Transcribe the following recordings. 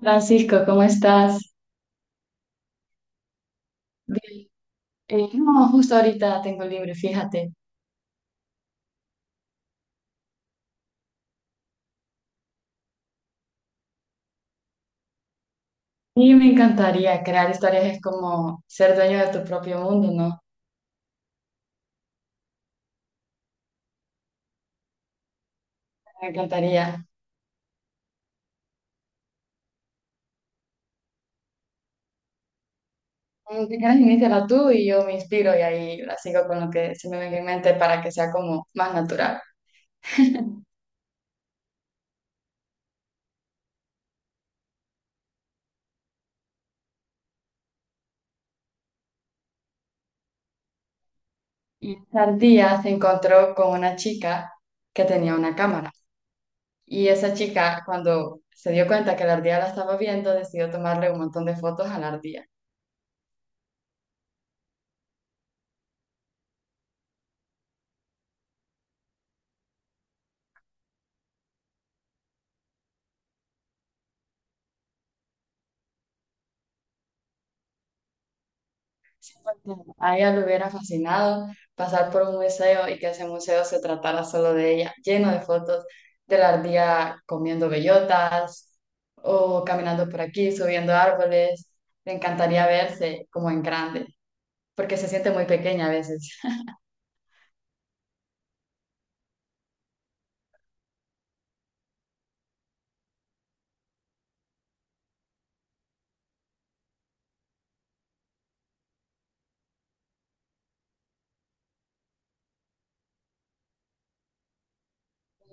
Francisco, ¿cómo estás? Bien. No, justo ahorita tengo libre, fíjate. Y me encantaría crear historias, es como ser dueño de tu propio mundo, ¿no? Me encantaría. Si quieres, iníciala tú y yo me inspiro y ahí la sigo con lo que se me venga en mente para que sea como más natural. Y Sardía se encontró con una chica que tenía una cámara. Y esa chica, cuando se dio cuenta que la ardilla la estaba viendo, decidió tomarle un montón de fotos a la ardilla. A ella le hubiera fascinado pasar por un museo y que ese museo se tratara solo de ella, lleno de fotos de la ardilla comiendo bellotas o caminando por aquí, subiendo árboles. Le encantaría verse como en grande, porque se siente muy pequeña a veces.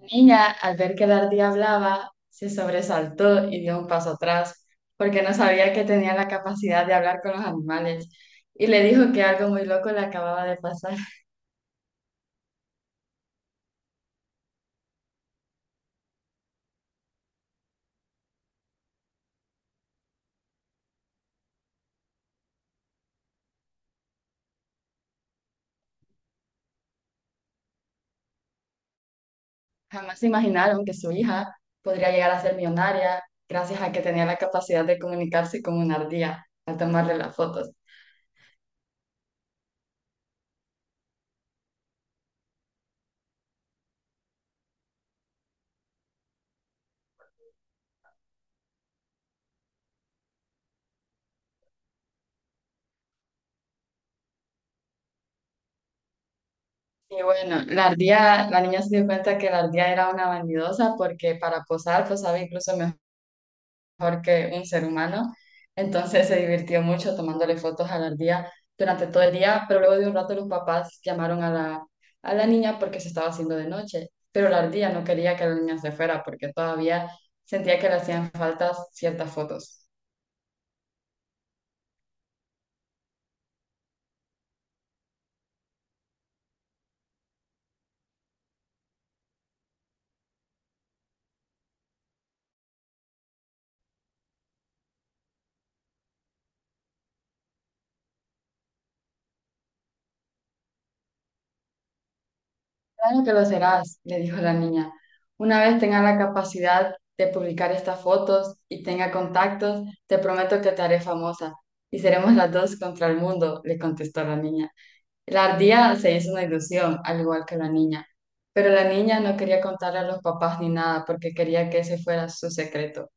La niña, al ver que la ardilla hablaba, se sobresaltó y dio un paso atrás, porque no sabía que tenía la capacidad de hablar con los animales. Y le dijo que algo muy loco le acababa de pasar. Jamás se imaginaron que su hija podría llegar a ser millonaria gracias a que tenía la capacidad de comunicarse con una ardilla al tomarle las fotos. Y bueno, la ardilla, la niña se dio cuenta que la ardilla era una vanidosa porque para posar posaba incluso mejor. Mejor que un ser humano. Entonces se divirtió mucho tomándole fotos a la ardilla durante todo el día, pero luego de un rato los papás llamaron a la niña porque se estaba haciendo de noche, pero la ardilla no quería que la niña se fuera porque todavía sentía que le hacían falta ciertas fotos. Claro que lo serás, le dijo la niña. Una vez tenga la capacidad de publicar estas fotos y tenga contactos, te prometo que te haré famosa y seremos las dos contra el mundo, le contestó la niña. La ardilla se hizo una ilusión, al igual que la niña, pero la niña no quería contarle a los papás ni nada porque quería que ese fuera su secreto.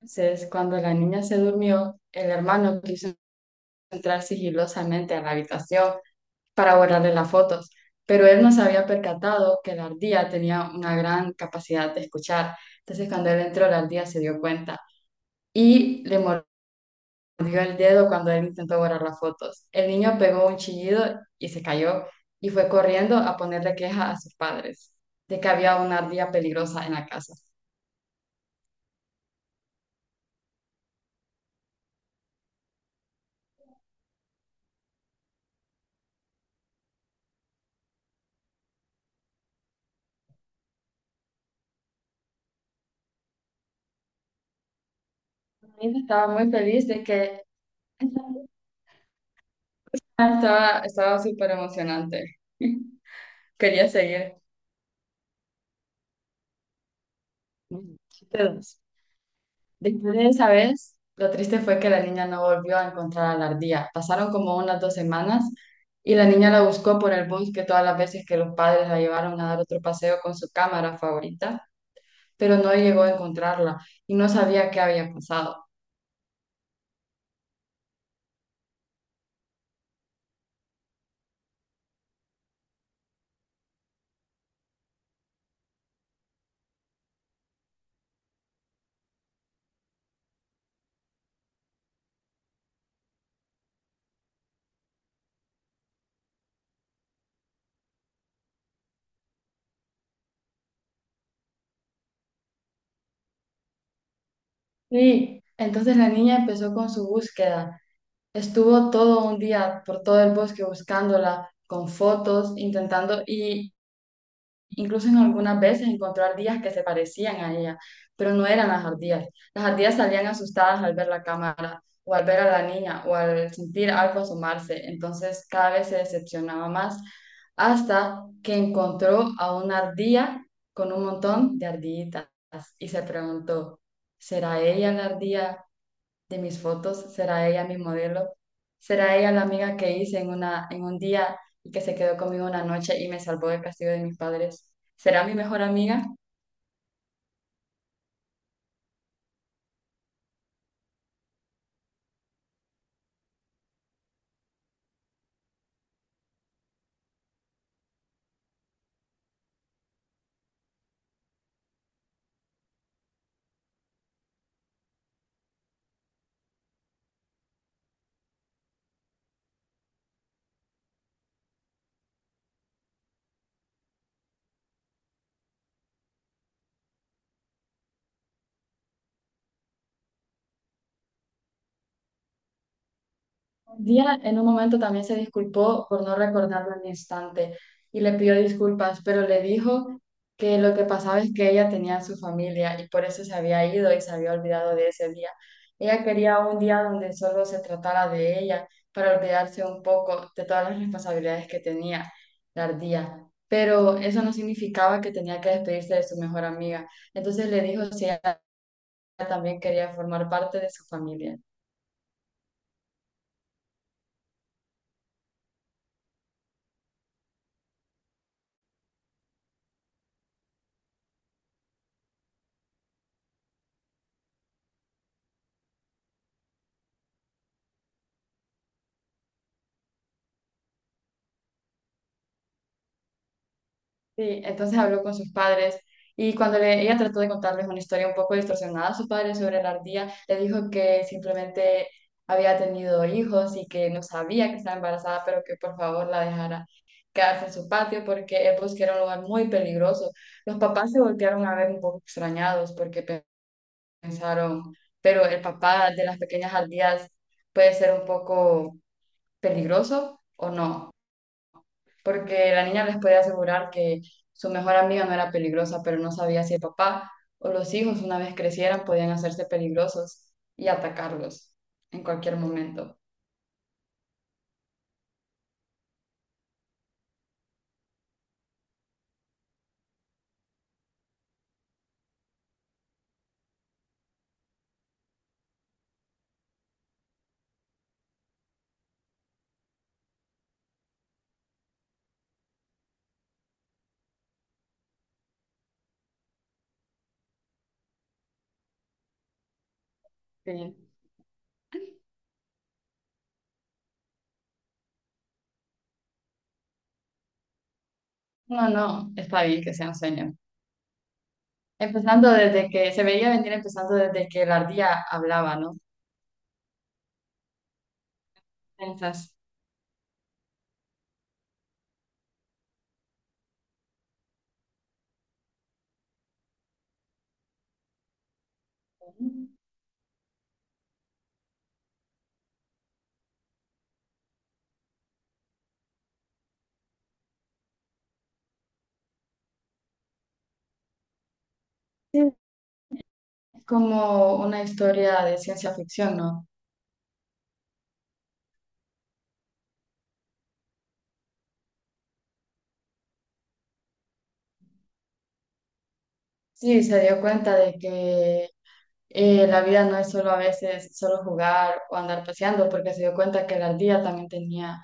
Entonces, cuando la niña se durmió, el hermano quiso entrar sigilosamente a la habitación para borrarle las fotos, pero él no se había percatado que la ardilla tenía una gran capacidad de escuchar. Entonces, cuando él entró, la ardilla se dio cuenta y le dio el dedo cuando él intentó borrar las fotos. El niño pegó un chillido y se cayó y fue corriendo a ponerle queja a sus padres de que había una ardilla peligrosa en la casa. Anita estaba muy feliz de que estaba súper emocionante. Quería seguir. Entonces, Después de esa vez, lo triste fue que la niña no volvió a encontrar a la ardilla. Pasaron como unas dos semanas y la niña la buscó por el bosque todas las veces que los padres la llevaron a dar otro paseo con su cámara favorita, pero no llegó a encontrarla y no sabía qué había pasado. Y entonces la niña empezó con su búsqueda. Estuvo todo un día por todo el bosque buscándola, con fotos, intentando. Y incluso en algunas veces encontró ardillas que se parecían a ella, pero no eran las ardillas. Las ardillas salían asustadas al ver la cámara, o al ver a la niña, o al sentir algo asomarse. Entonces cada vez se decepcionaba más, hasta que encontró a una ardilla con un montón de ardillitas y se preguntó, ¿será ella la ardilla de mis fotos, será ella mi modelo, será ella la amiga que hice en un día y que se quedó conmigo una noche y me salvó del castigo de mis padres, será mi mejor amiga? Día en un momento también se disculpó por no recordarlo al instante y le pidió disculpas, pero le dijo que lo que pasaba es que ella tenía a su familia y por eso se había ido y se había olvidado de ese día. Ella quería un día donde solo se tratara de ella para olvidarse un poco de todas las responsabilidades que tenía la ardía. Pero eso no significaba que tenía que despedirse de su mejor amiga. Entonces le dijo si ella también quería formar parte de su familia. Sí, entonces habló con sus padres y cuando ella trató de contarles una historia un poco distorsionada a sus padres sobre la ardilla, le dijo que simplemente había tenido hijos y que no sabía que estaba embarazada, pero que por favor la dejara quedarse en su patio porque el bosque era un lugar muy peligroso. Los papás se voltearon a ver un poco extrañados porque pensaron, pero el papá de las pequeñas ardillas puede ser un poco peligroso o no, porque la niña les puede asegurar que su mejor amiga no era peligrosa, pero no sabía si el papá o los hijos una vez crecieran podían hacerse peligrosos y atacarlos en cualquier momento. Sí. No, no, está bien que sea un sueño. Empezando desde que se veía venir, empezando desde que la ardilla hablaba, ¿no? ¿Piensas? Sí. Es como una historia de ciencia ficción, ¿no? Sí, se dio cuenta de que la vida no es solo a veces solo jugar o andar paseando, porque se dio cuenta que el día también tenía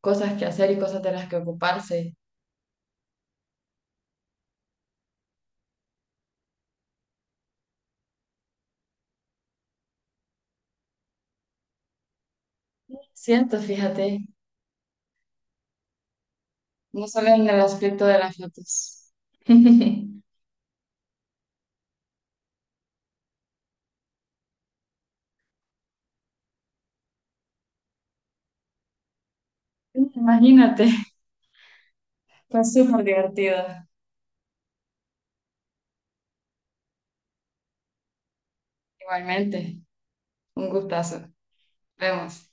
cosas que hacer y cosas de las que ocuparse. Siento, fíjate, no solo en el aspecto de las fotos. Imagínate, fue súper divertido. Igualmente, un gustazo. Vemos.